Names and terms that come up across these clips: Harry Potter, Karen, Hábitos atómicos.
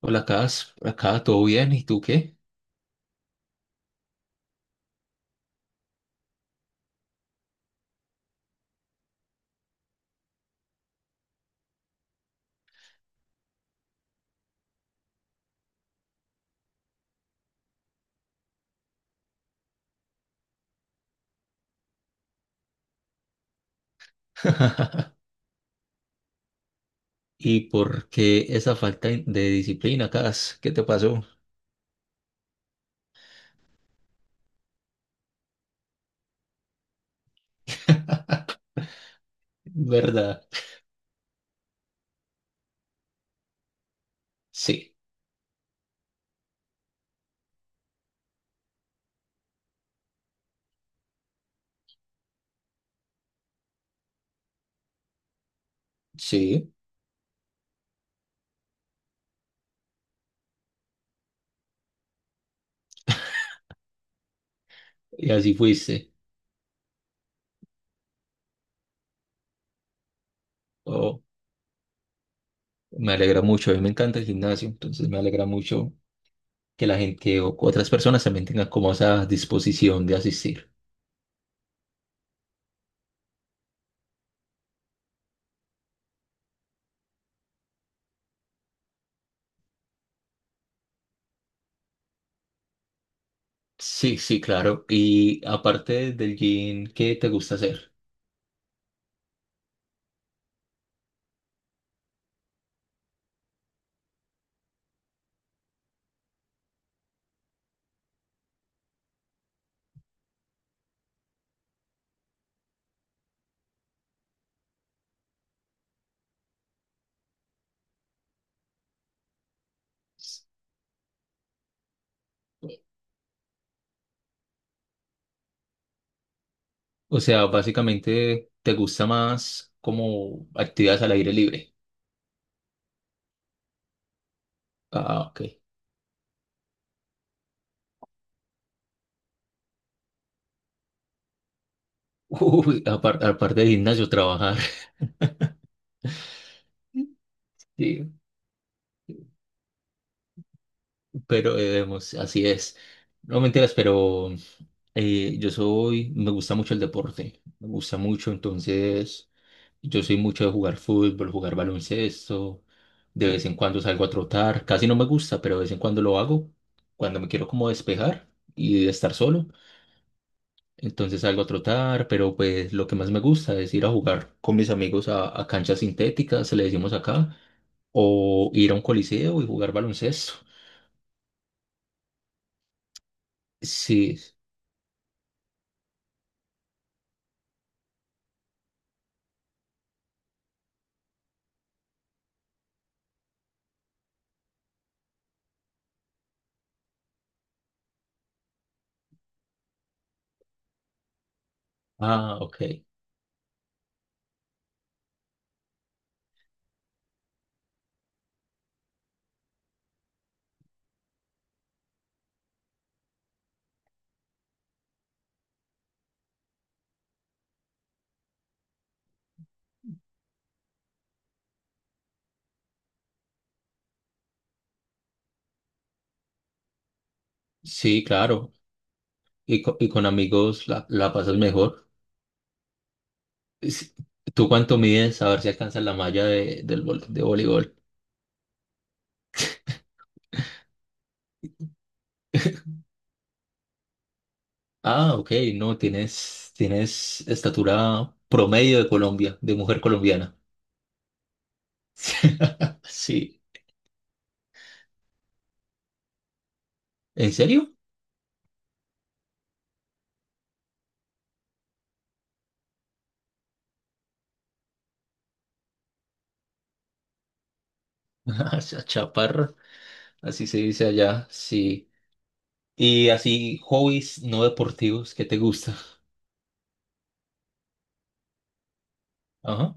Hola, Cas, acá todo bien, ¿y tú qué? ¿Y por qué esa falta de disciplina, Cas? ¿Qué te pasó? ¿Verdad? Sí, sí, y así fuiste. Oh, me alegra mucho, a mí me encanta el gimnasio, entonces me alegra mucho que la gente, otras personas también tengan como esa disposición de asistir. Sí, sí, claro. Y aparte del gym, ¿qué te gusta hacer? O sea, básicamente, ¿te gusta más como actividades al aire libre? Ah, ok. Uy, aparte de gimnasio, trabajar. Sí, pero vemos así es. No mentiras, pero yo soy, me gusta mucho el deporte, me gusta mucho, entonces yo soy mucho de jugar fútbol, jugar baloncesto, de vez en cuando salgo a trotar, casi no me gusta, pero de vez en cuando lo hago, cuando me quiero como despejar y estar solo. Entonces salgo a trotar, pero pues lo que más me gusta es ir a jugar con mis amigos a canchas sintéticas, se le decimos acá, o ir a un coliseo y jugar baloncesto. Sí, ah, ok. Sí, claro. Y, y con amigos la, la pasas mejor. Es- ¿Tú cuánto mides? A ver si alcanzas la malla de, de voleibol. Ah, ok, no, tienes, tienes estatura promedio de Colombia, de mujer colombiana. Sí, ¿en serio? Hacia chaparro, así se dice allá, sí. Y así, hobbies no deportivos, ¿qué te gusta? Ajá.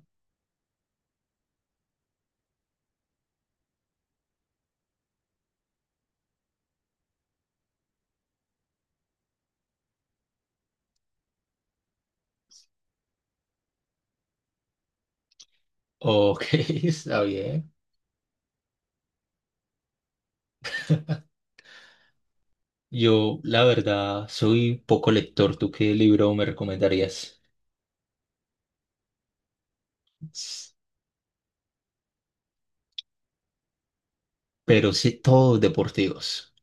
Ok, está bien. Yo, la verdad, soy poco lector. ¿Tú qué libro me recomendarías? S- pero sí, todos deportivos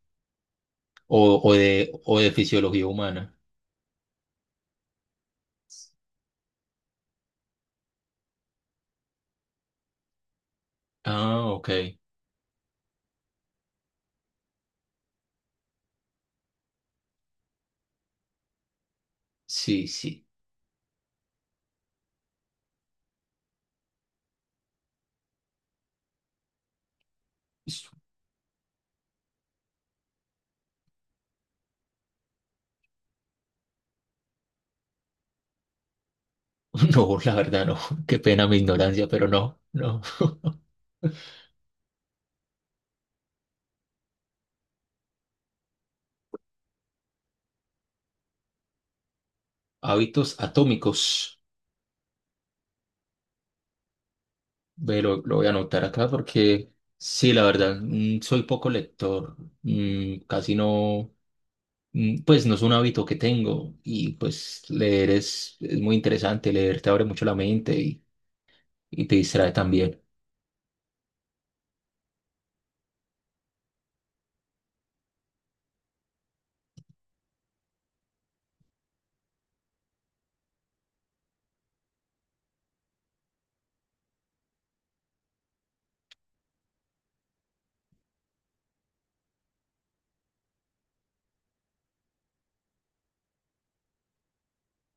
o de fisiología humana. Ah, ok. Sí, sí. S- No, la verdad, no. Qué pena mi ignorancia, pero no, no. Hábitos atómicos. Ve, lo voy a anotar acá porque sí, la verdad, soy poco lector, casi no, pues no es un hábito que tengo y pues leer es muy interesante, leer te abre mucho la mente y te distrae también.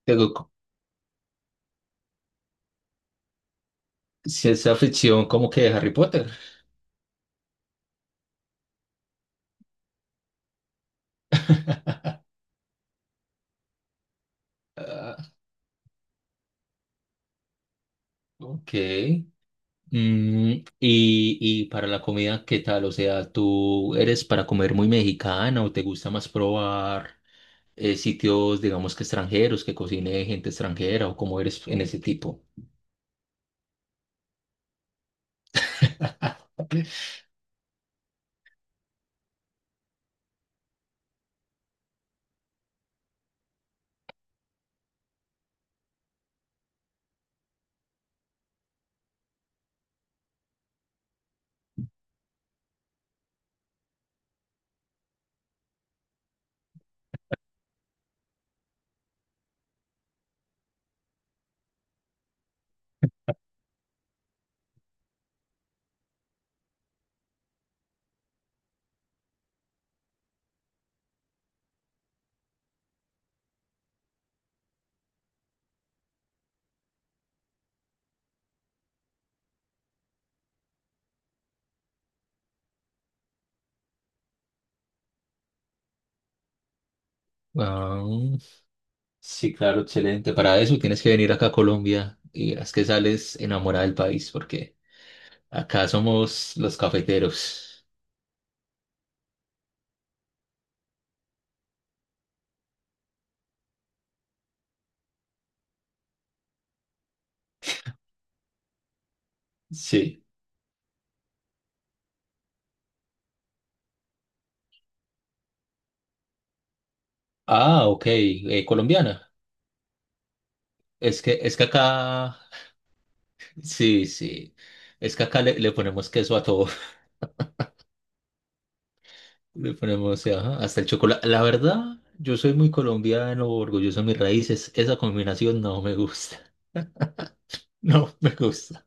Tengo co- ciencia ficción como que de Harry Potter. Ah, ok. Mm, y para la comida, ¿qué tal? O sea, ¿tú eres para comer muy mexicana o te gusta más probar sitios, digamos que extranjeros, que cocine gente extranjera o cómo eres en ese tipo? Ah, sí, claro, excelente. Para eso tienes que venir acá a Colombia y verás que sales enamorada del país, porque acá somos los cafeteros. Sí. Ah, ok. Eh, colombiana. Es que acá, sí, sí. Es que acá le, le ponemos queso a todo. Le ponemos, sí, ajá, hasta el chocolate. La verdad, yo soy muy colombiano, orgulloso de mis raíces. Esa combinación no me gusta. No me gusta.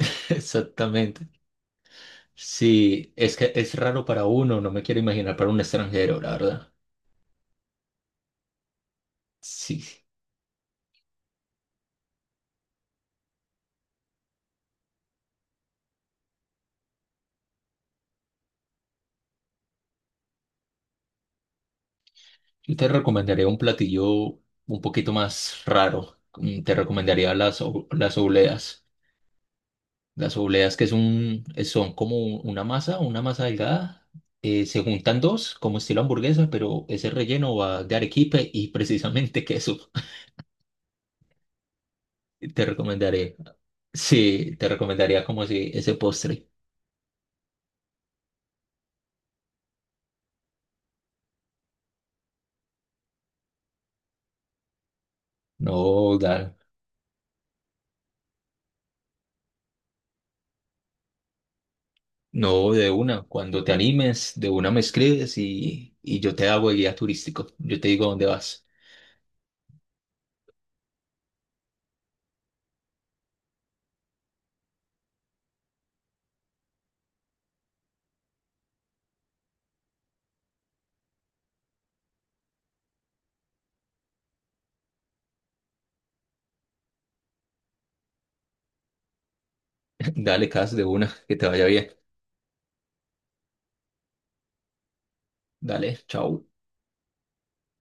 Exactamente. Sí, es que es raro para uno, no me quiero imaginar para un extranjero, la verdad. Sí. Yo te recomendaría un platillo un poquito más raro. Mm, te recomendaría las, las obleas. Las obleas que es un, son como una masa delgada. Eh, se juntan dos, como estilo hamburguesa, pero ese relleno va de arequipe y precisamente queso. Te recomendaré, sí, te recomendaría como si ese postre. No, dar, no, de una. Cuando te animes, de una me escribes y yo te hago el guía turístico. Yo te digo dónde vas. Dale, Cas, de una, que te vaya bien. Dale, chao.